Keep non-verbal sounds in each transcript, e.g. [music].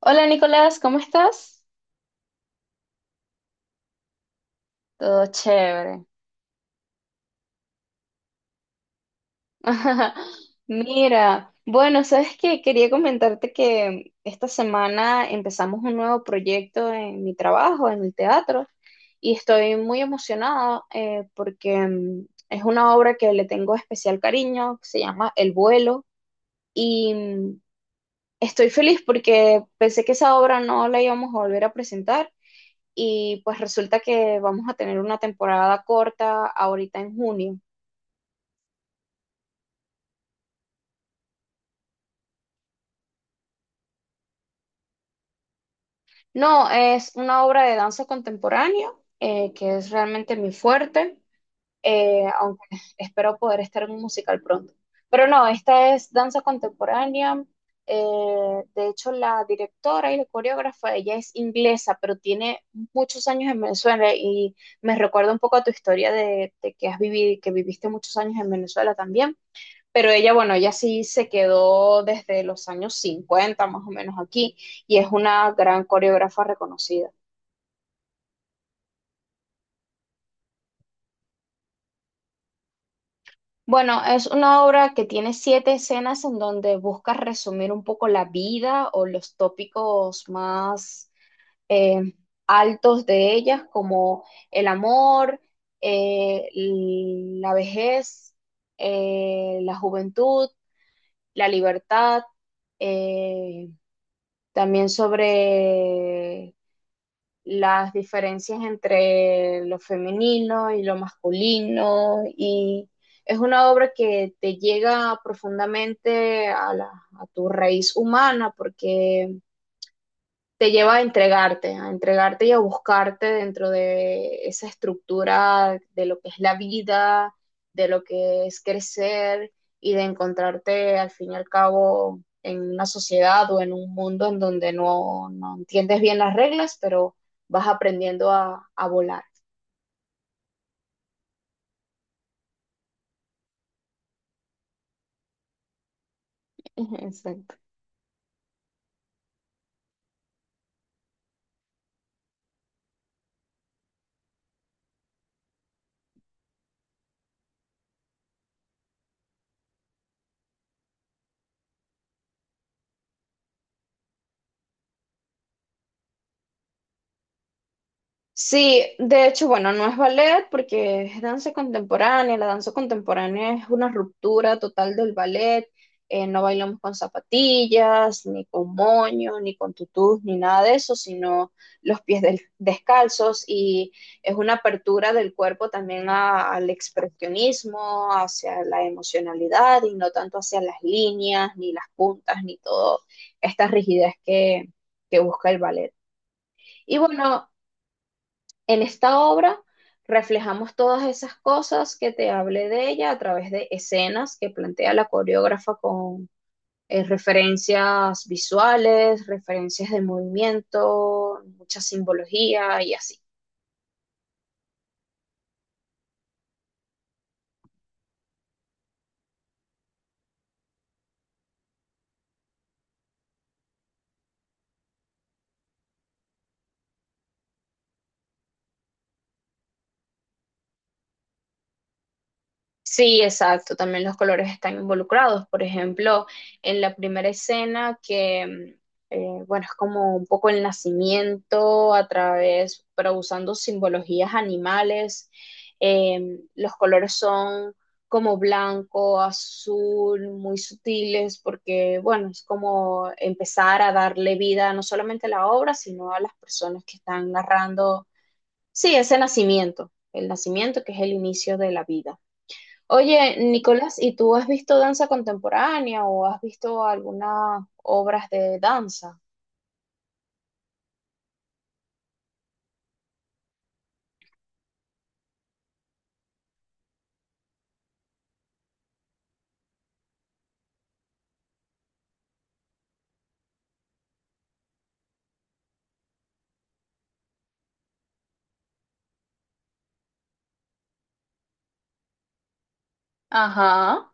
Hola Nicolás, ¿cómo estás? Todo chévere. [laughs] Mira, bueno, sabes que quería comentarte que esta semana empezamos un nuevo proyecto en mi trabajo, en el teatro, y estoy muy emocionada porque es una obra que le tengo especial cariño, que se llama El vuelo, y estoy feliz porque pensé que esa obra no la íbamos a volver a presentar, y pues resulta que vamos a tener una temporada corta ahorita en junio. No, es una obra de danza contemporánea, que es realmente mi fuerte, aunque espero poder estar en un musical pronto. Pero no, esta es danza contemporánea. De hecho, la directora y la coreógrafa, ella es inglesa, pero tiene muchos años en Venezuela y me recuerda un poco a tu historia de que has vivido, que viviste muchos años en Venezuela también, pero ella, bueno, ella sí se quedó desde los años 50 más o menos aquí y es una gran coreógrafa reconocida. Bueno, es una obra que tiene siete escenas en donde busca resumir un poco la vida o los tópicos más eh, altos de ellas, como el amor, la vejez, la juventud, la libertad, eh, también sobre las diferencias entre lo femenino y lo masculino, y es una obra que te llega profundamente a tu raíz humana, porque te lleva a entregarte y a buscarte dentro de esa estructura de lo que es la vida, de lo que es crecer y de encontrarte al fin y al cabo en una sociedad o en un mundo en donde no, no entiendes bien las reglas, pero vas aprendiendo a volar. [laughs] Exacto. Sí, de hecho, bueno, no es ballet porque es danza contemporánea. La danza contemporánea es una ruptura total del ballet. No bailamos con zapatillas, ni con moño, ni con tutús, ni nada de eso, sino los pies descalzos, y es una apertura del cuerpo también al expresionismo, hacia la emocionalidad y no tanto hacia las líneas, ni las puntas, ni toda esta rigidez que busca el ballet. Y bueno, en esta obra reflejamos todas esas cosas que te hablé de ella a través de escenas que plantea la coreógrafa con referencias visuales, referencias de movimiento, mucha simbología y así. Sí, exacto, también los colores están involucrados. Por ejemplo, en la primera escena bueno, es como un poco el nacimiento a través, pero usando simbologías animales, los colores son como blanco, azul, muy sutiles, porque, bueno, es como empezar a darle vida no solamente a la obra, sino a las personas que están narrando, sí, ese nacimiento, el nacimiento que es el inicio de la vida. Oye, Nicolás, ¿y tú has visto danza contemporánea o has visto algunas obras de danza? Ajá.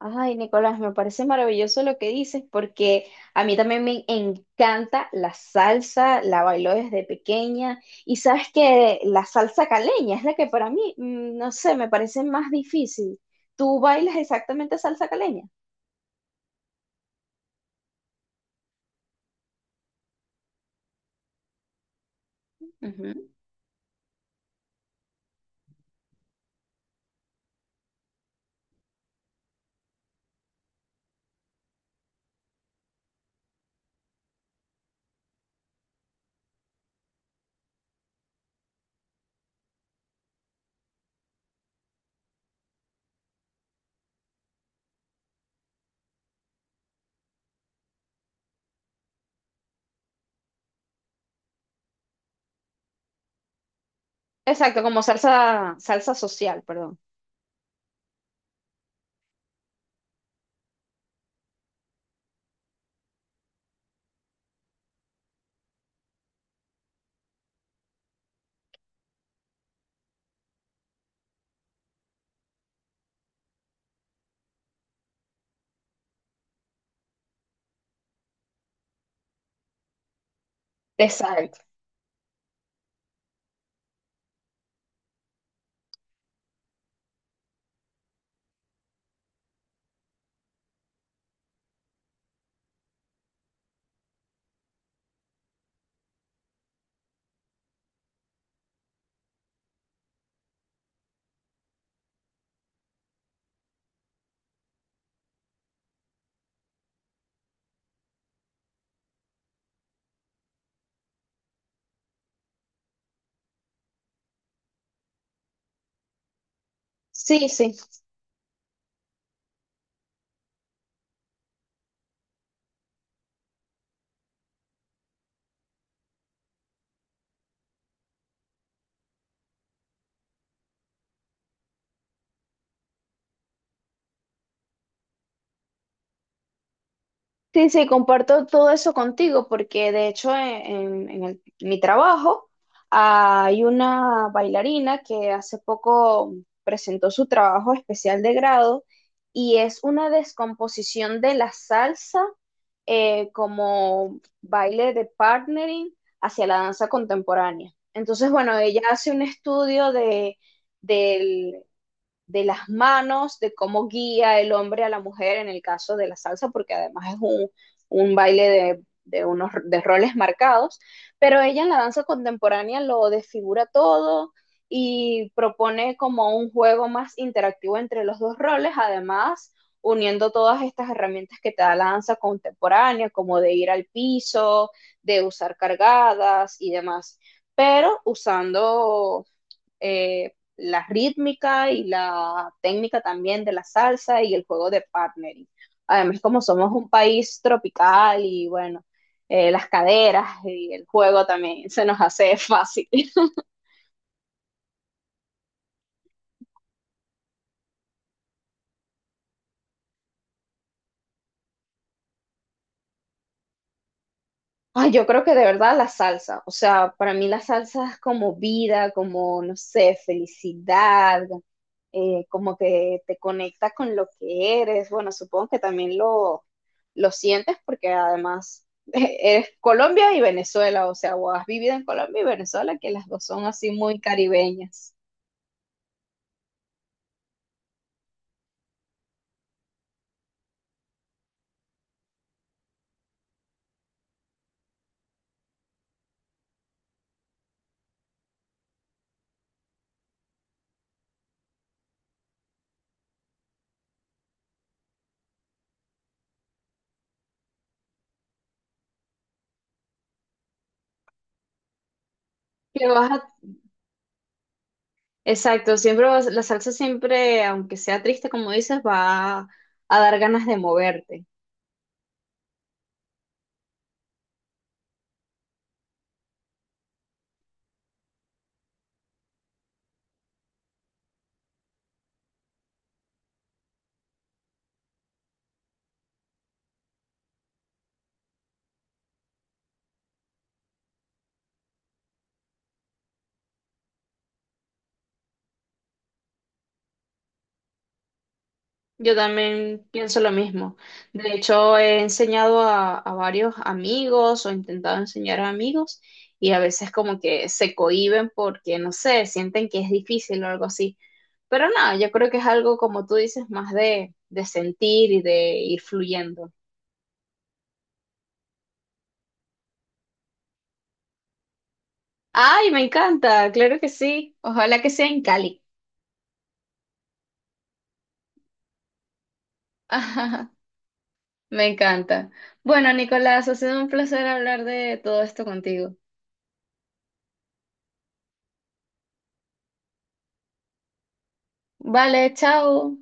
Ay, Nicolás, me parece maravilloso lo que dices porque a mí también me encanta la salsa, la bailo desde pequeña y sabes que la salsa caleña es la que para mí, no sé, me parece más difícil. ¿Tú bailas exactamente salsa caleña? Ujú. Exacto, como salsa, salsa social, perdón. Exacto. Sí, sí. Sí, sí, comparto todo eso contigo porque de hecho en mi trabajo hay una bailarina que hace poco presentó su trabajo especial de grado, y es una descomposición de la salsa como baile de partnering hacia la danza contemporánea. Entonces, bueno, ella hace un estudio de las manos, de cómo guía el hombre a la mujer en el caso de la salsa, porque además es un baile de unos de roles marcados, pero ella en la danza contemporánea lo desfigura todo y propone como un juego más interactivo entre los dos roles, además uniendo todas estas herramientas que te da la danza contemporánea, como de ir al piso, de usar cargadas y demás, pero usando la rítmica y la técnica también de la salsa y el juego de partnering. Además, como somos un país tropical y bueno, las caderas y el juego también se nos hace fácil. [laughs] Ay, yo creo que de verdad la salsa, o sea, para mí la salsa es como vida, como, no sé, felicidad, como que te conecta con lo que eres. Bueno, supongo que también lo sientes porque además [laughs] eres Colombia y Venezuela, o sea, o has vivido en Colombia y Venezuela, que las dos son así muy caribeñas. Le vas a- Exacto, la salsa siempre, aunque sea triste como dices, va a dar ganas de moverte. Yo también pienso lo mismo. De hecho, he enseñado a varios amigos o intentado enseñar a amigos, y a veces como que se cohíben porque, no sé, sienten que es difícil o algo así. Pero no, yo creo que es algo, como tú dices, más de sentir y de ir fluyendo. Ay, me encanta, claro que sí. Ojalá que sea en Cali. [laughs] Me encanta. Bueno, Nicolás, ha sido un placer hablar de todo esto contigo. Vale, chao.